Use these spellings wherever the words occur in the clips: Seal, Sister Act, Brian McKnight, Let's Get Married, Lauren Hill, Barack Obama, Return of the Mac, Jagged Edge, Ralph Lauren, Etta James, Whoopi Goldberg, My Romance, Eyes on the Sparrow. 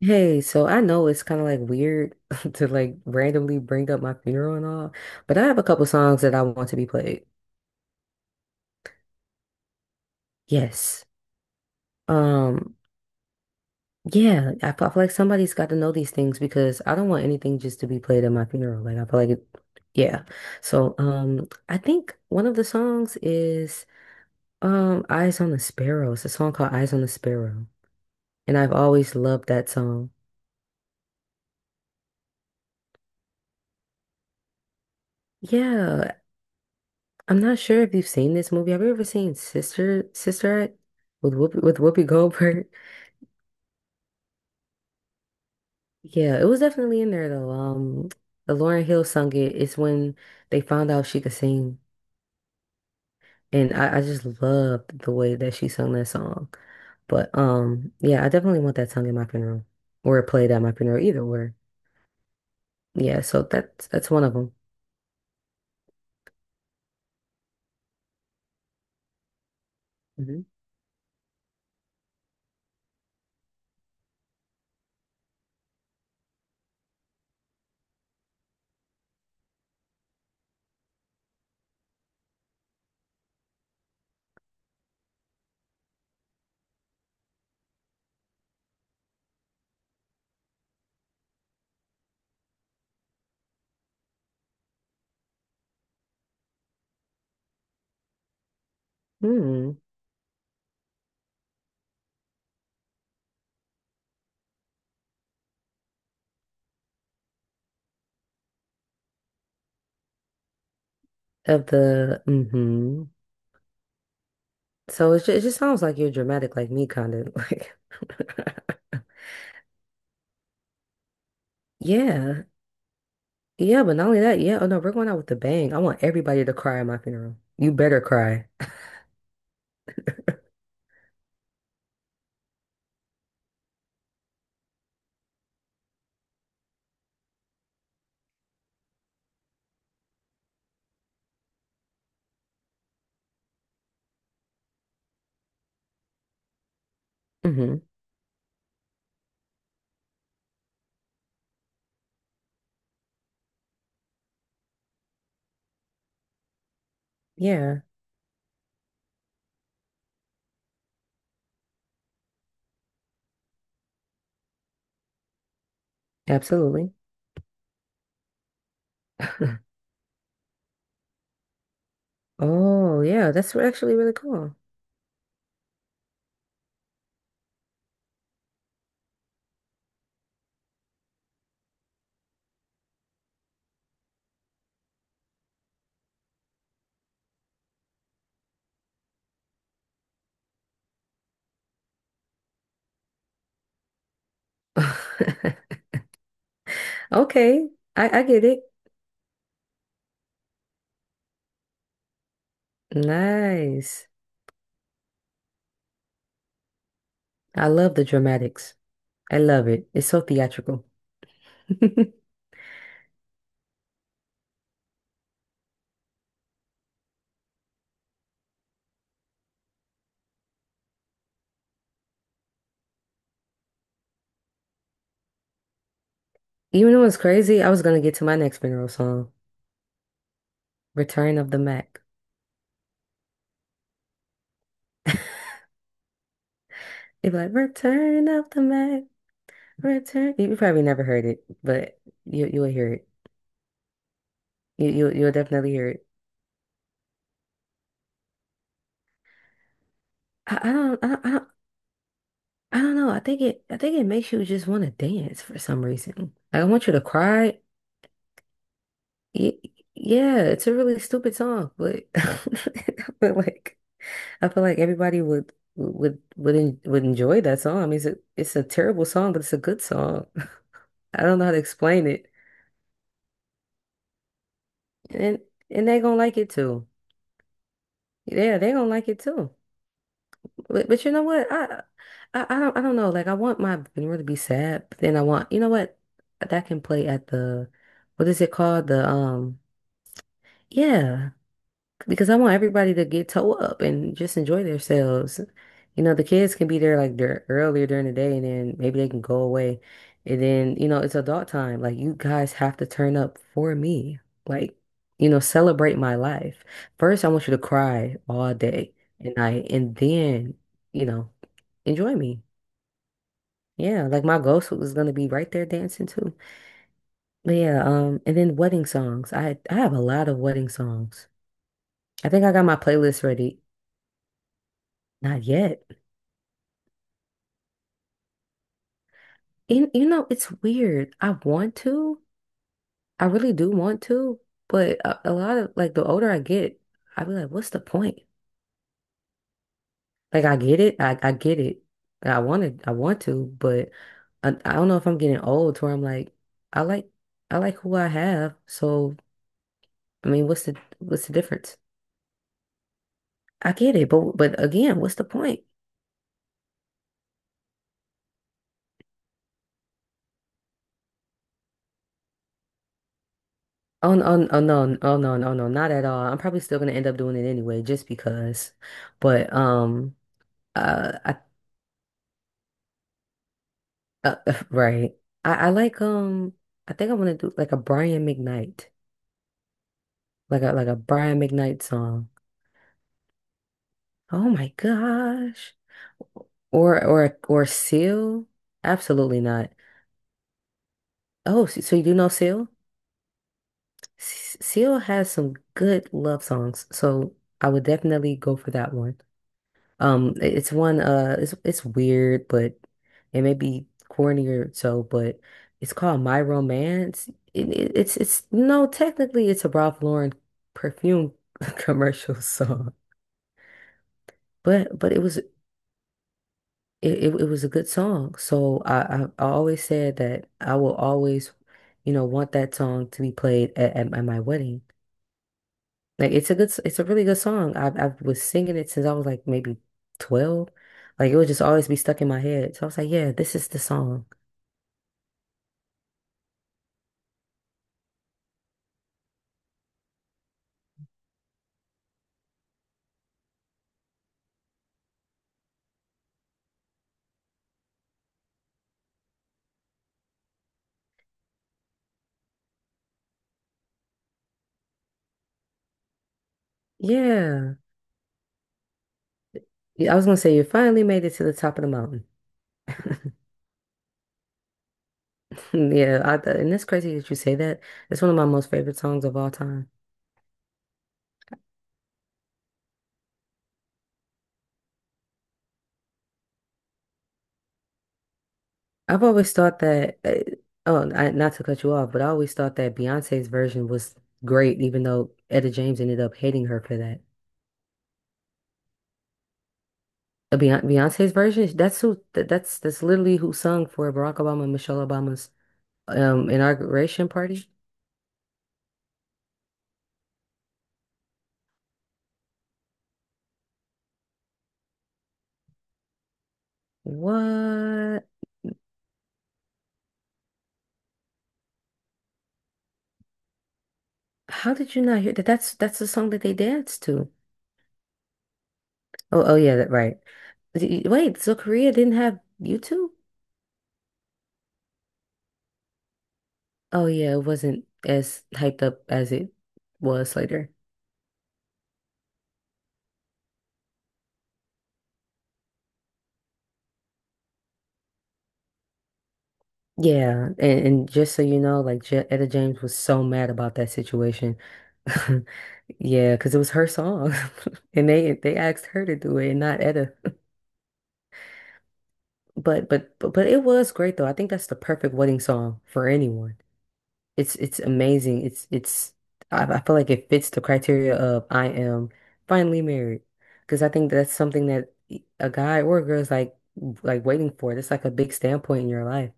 Hey, so I know it's kind of like weird to like randomly bring up my funeral and all, but I have a couple songs that I want to be played. Yes. Um, yeah, I feel like somebody's got to know these things because I don't want anything just to be played at my funeral. Like I feel like it, yeah. So I think one of the songs is Eyes on the Sparrow. It's a song called Eyes on the Sparrow, and I've always loved that song. Yeah, I'm not sure if you've seen this movie. Have you ever seen Sister Act with Whoopi Goldberg? Yeah, it was definitely in there though. Lauren Hill sung it. It's when they found out she could sing, and I just loved the way that she sung that song. But yeah, I definitely want that sung at my funeral or played at my funeral, either or. Yeah, so that's one of them. Hmm. Hmm. Of the hmm. So it just sounds like you're dramatic like me, kind of like. Yeah, Yeah, but not only that, yeah, oh no, we're going out with a bang. I want everybody to cry at my funeral. You better cry. Hmm. Yeah, absolutely. Oh, yeah, that's actually really cool. Okay, I get it. Nice. I love the dramatics. I love it. It's so theatrical. Even though it's crazy, I was gonna get to my next funeral song, Return of the Mac. It'd be like, Return of the Mac, Return. You probably never heard it, but you'll hear it. You'll you'll definitely hear it. I, I don't, I don't, I don't, I don't know. I think I think it makes you just want to dance for some reason. Like, I want you to cry. Y- Yeah, it's a really stupid song, but I feel like everybody would en would enjoy that song. I mean, it's a terrible song, but it's a good song. I don't know how to explain it, and they gonna like it too. Yeah, they gonna like it too. But you know what? I don't I don't know. Like I want my funeral to be sad, but then I want you know what? That can play at the what is it called? The yeah. Because I want everybody to get toe up and just enjoy themselves. You know, the kids can be there like dur earlier during the day and then maybe they can go away. And then, you know, it's adult time. Like you guys have to turn up for me. Like, you know, celebrate my life. First, I want you to cry all day and night and then, you know, enjoy me. Yeah, like my ghost was gonna be right there dancing too. But yeah, and then wedding songs. I have a lot of wedding songs. I think I got my playlist ready. Not yet. And you know, it's weird. I want to. I really do want to, but a lot of like the older I get, I be like, what's the point? Like I get it. I get it. I want it. I want to, but I don't know if I'm getting old to where I'm like, I like I like who I have. So I mean, what's the difference? I get it, but again, what's the point? Oh, no, oh, no, oh, no, not at all. I'm probably still gonna end up doing it anyway, just because. But uh, I, uh, right. I like I think I want to do like a Brian McKnight, like a Brian McKnight song. Oh my gosh, or Seal? Absolutely not. Oh, so so you do know Seal? Seal has some good love songs, so I would definitely go for that one. It's weird, but it may be corny or so, but it's called My Romance. It's no, technically it's a Ralph Lauren perfume commercial song. But it was a good song. So I always said that I will always, you know, want that song to be played at, at my wedding. Like it's a it's a really good song. I was singing it since I was like maybe 12. Like it would just always be stuck in my head. So I was like, yeah, this is the song. Yeah. Yeah, I was gonna say you finally made it to the top of the mountain. Yeah, and it's crazy that you say that. It's one of my most favorite songs of all time. I've always thought that, not to cut you off, but I always thought that Beyonce's version was great, even though Etta James ended up hating her for that. Beyonce's version, that's literally who sung for Barack Obama and Michelle Obama's inauguration party? What? How did you not hear that? That's the song that they danced to. Oh, oh yeah, that right. Wait, so Korea didn't have YouTube? Oh yeah, it wasn't as hyped up as it was later. Yeah, and just so you know, like Je Etta James was so mad about that situation. Yeah, because it was her song, and they asked her to do it, and not Etta. But it was great though. I think that's the perfect wedding song for anyone. It's amazing. I feel like it fits the criteria of I am finally married because I think that's something that a guy or a girl is like waiting for. That's like a big standpoint in your life.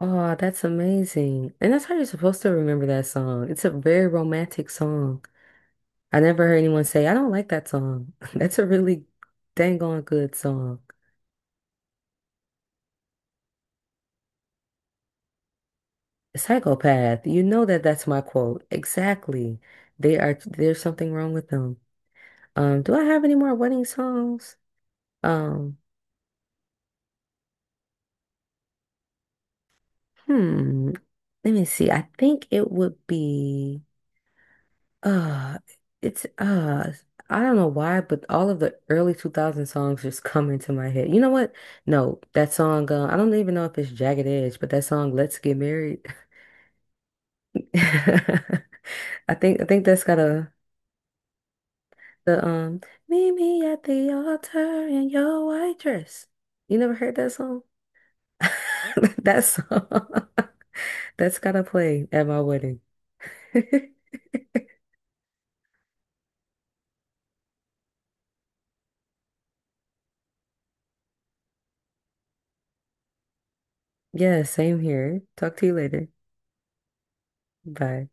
Oh, that's amazing. And that's how you're supposed to remember that song. It's a very romantic song. I never heard anyone say, I don't like that song. That's a really dang on good song. Psychopath, you know that that's my quote. Exactly. They are, there's something wrong with them. Do I have any more wedding songs? Um, hmm. Let me see. I think it would be uh it's I don't know why, but all of the early 2000 songs just come into my head. You know what? No, that song, I don't even know if it's Jagged Edge, but that song Let's Get Married. I I think that's got a the Meet me at the altar in your white dress. You never heard that song? That song. That's gotta play at my wedding. Yeah, same here. Talk to you later. Bye.